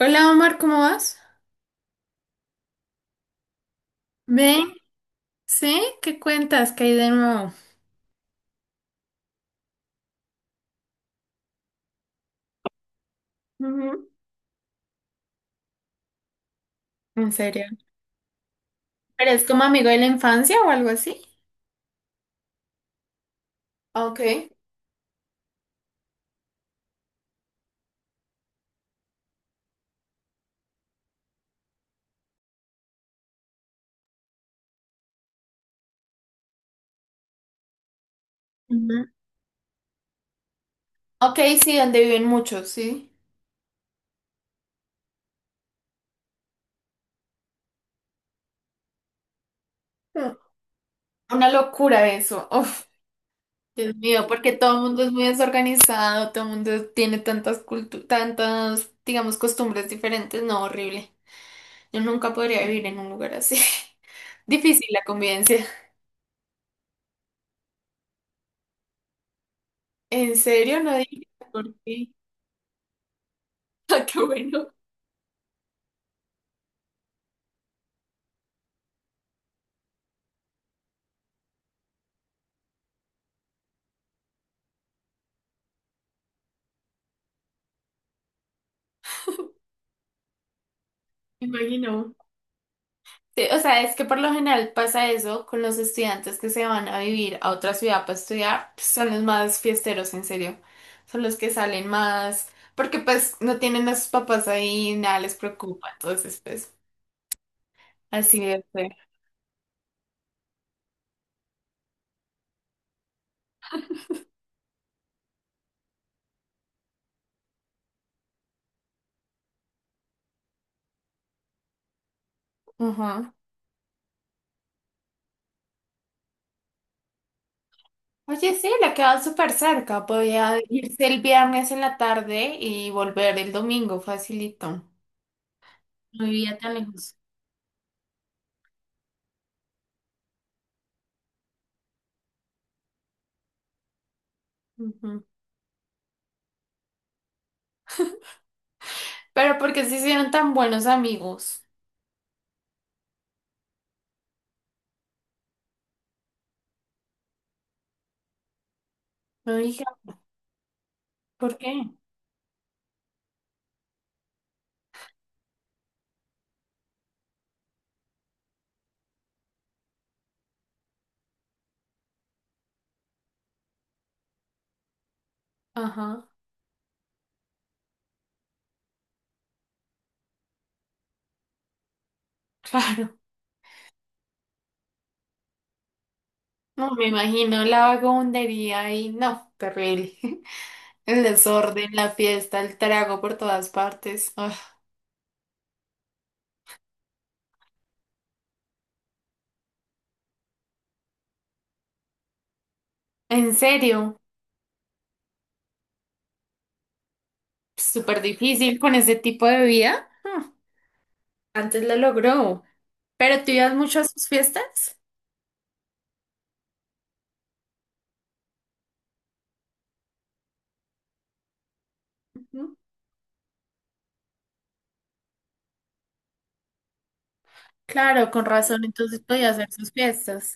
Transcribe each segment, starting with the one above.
Hola Omar, ¿cómo vas? ¿Ven? ¿Sí? ¿Qué cuentas? ¿Qué hay de nuevo? Ujú. ¿En serio? ¿Eres como amigo de la infancia o algo así? Okay. Ujú. Ok, sí, donde viven muchos, sí. Mm. Una locura eso. Uf, Dios mío, porque todo el mundo es muy desorganizado, todo el mundo tiene tantas, digamos, costumbres diferentes. No, horrible. Yo nunca podría vivir en un lugar así. Difícil la convivencia. ¿En serio? No digas por qué. Ah, qué bueno. Me imagino. Sí, o sea, es que por lo general pasa eso con los estudiantes que se van a vivir a otra ciudad para estudiar, pues, son los más fiesteros, en serio. Son los que salen más, porque pues no tienen a sus papás ahí, nada les preocupa, entonces pues así debe ser. Ajá. Oye, sí, le quedaba súper cerca, podía irse el viernes en la tarde y volver el domingo, facilito. No vivía tan lejos. Ujú. ¿Pero porque qué se hicieron tan buenos amigos? No dije, "Ah, ¿por qué?" Ajá, claro. No, me imagino la vagabundería y no, terrible. El desorden, la fiesta, el trago por todas partes. Ah, en serio, súper difícil con ese tipo de vida. Ah, antes lo logró. ¿Pero tú ibas mucho a sus fiestas? Ujú. Claro, con razón, entonces podía hacer sus fiestas.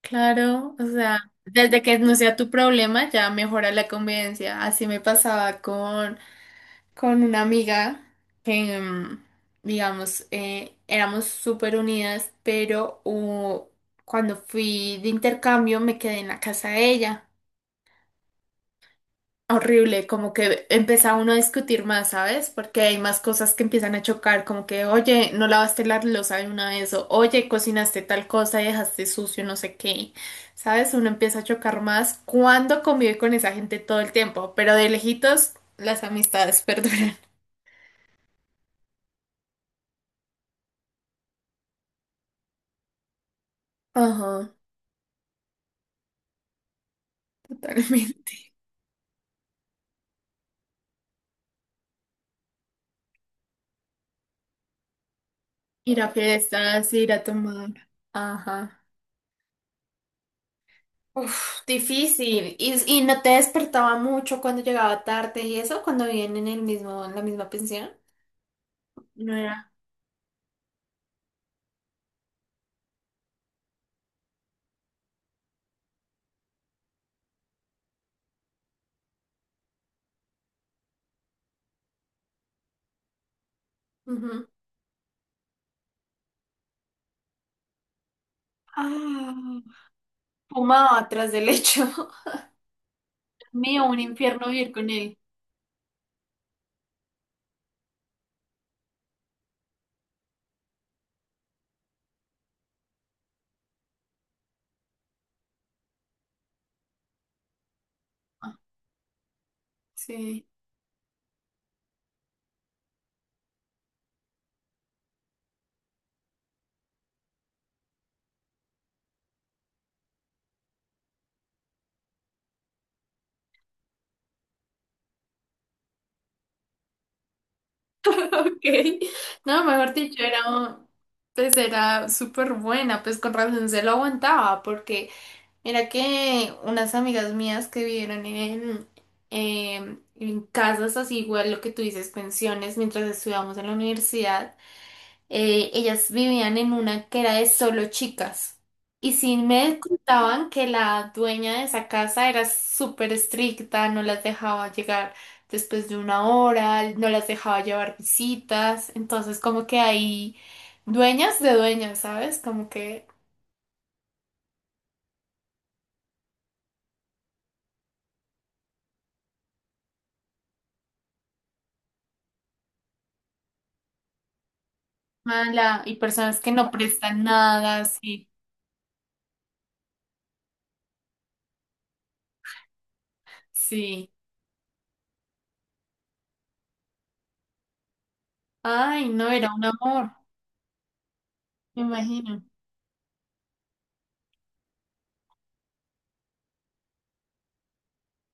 Claro, o sea, desde que no sea tu problema ya mejora la convivencia. Así me pasaba con una amiga que, mm, digamos, éramos súper unidas, pero cuando fui de intercambio me quedé en la casa de ella. Horrible, como que empieza uno a discutir más, ¿sabes? Porque hay más cosas que empiezan a chocar, como que, oye, no lavaste la loza de una vez, o oye, cocinaste tal cosa y dejaste sucio, no sé qué, ¿sabes? Uno empieza a chocar más cuando convive con esa gente todo el tiempo, pero de lejitos las amistades perduran. Ajá. Totalmente. Ir a fiestas, ir a tomar. Ajá. Uf, difícil. Y no te despertaba mucho cuando llegaba tarde y eso, cuando vivían en el mismo, en la misma pensión? No era. Ujú. Ah, fumaba atrás del lecho. mío, un infierno vivir con él. Sí. Ok. No, mejor dicho, era, pues era súper buena, pues con razón se lo aguantaba, porque era que unas amigas mías que vivieron en casas así, igual lo que tú dices, pensiones, mientras estudiábamos en la universidad, ellas vivían en una que era de solo chicas. Y sí me contaban que la dueña de esa casa era súper estricta, no las dejaba llegar después de una hora, no las dejaba llevar visitas. Entonces, como que hay dueñas de dueñas, ¿sabes? Como que mala y personas que no prestan nada, sí, sí. Ay, no, era un amor, me imagino.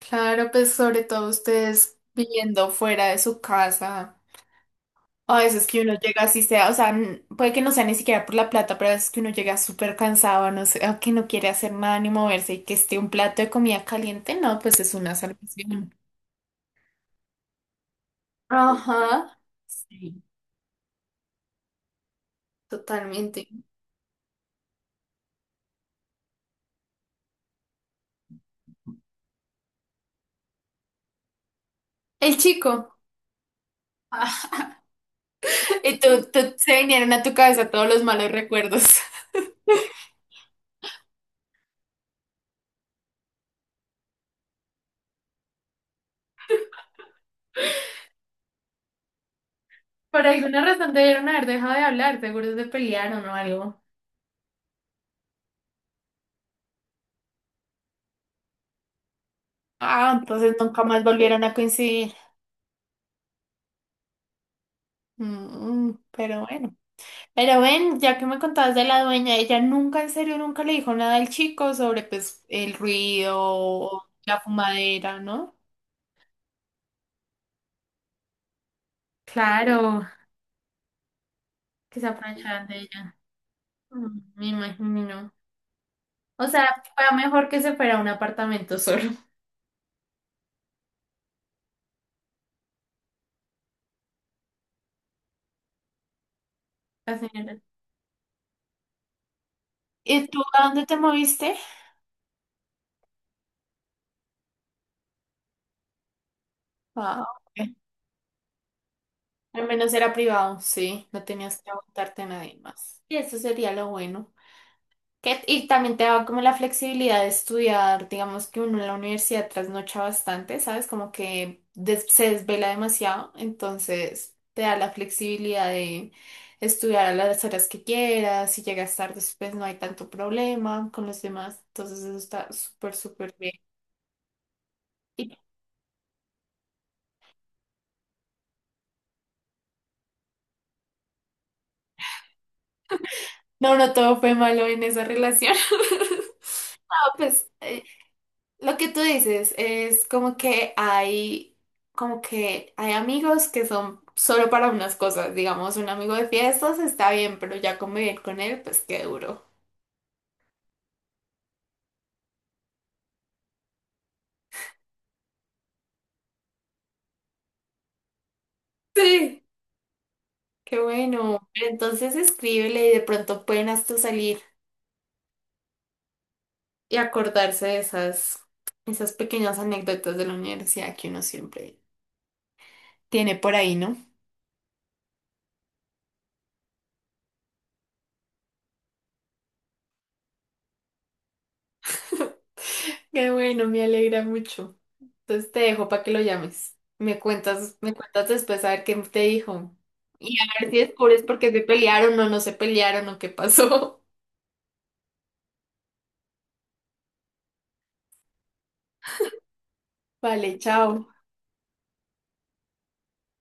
Claro, pues sobre todo ustedes viviendo fuera de su casa. A veces que uno llega así sea, o sea, puede que no sea ni siquiera por la plata, pero a veces que uno llega súper cansado, no sé, o que no quiere hacer nada ni moverse y que esté un plato de comida caliente, no, pues es una salvación. Ajá. Sí, totalmente. El chico. y se vinieron a tu cabeza todos los malos recuerdos. Por alguna razón debieron haber dejado de hablar, seguro se pelearon o algo. Ah, entonces nunca más volvieron a coincidir. Mm, pero bueno. Pero ven, ya que me contabas de la dueña, ella nunca, en serio, nunca le dijo nada al chico sobre pues el ruido o la fumadera, ¿no? Claro, que se aprovecharan de ella. Mm, me imagino. O sea, fue mejor que se fuera a un apartamento solo, la señora. ¿Y tú a dónde te moviste? Ah, ok. Al menos era privado, sí, no tenías que aguantarte a nadie más. Y eso sería lo bueno. Que, y también te daba como la flexibilidad de estudiar, digamos que uno en la universidad trasnocha bastante, ¿sabes? Como que se desvela demasiado, entonces te da la flexibilidad de estudiar a las horas que quieras, si llegas tarde, pues no hay tanto problema con los demás, entonces eso está súper, súper bien. Y no, no todo fue malo en esa relación. Ah, pues lo que tú dices es como que como que hay amigos que son solo para unas cosas. Digamos, un amigo de fiestas está bien, pero ya convivir con él, pues qué duro. Sí. Qué bueno. Pero entonces escríbele y de pronto pueden hasta salir y acordarse de esas pequeñas anécdotas de la universidad que uno siempre tiene por ahí, ¿no? Qué bueno, me alegra mucho. Entonces te dejo para que lo llames. Me cuentas después a ver qué te dijo. Y a ver si descubres por qué se pelearon o no se pelearon o qué pasó. Vale, chao.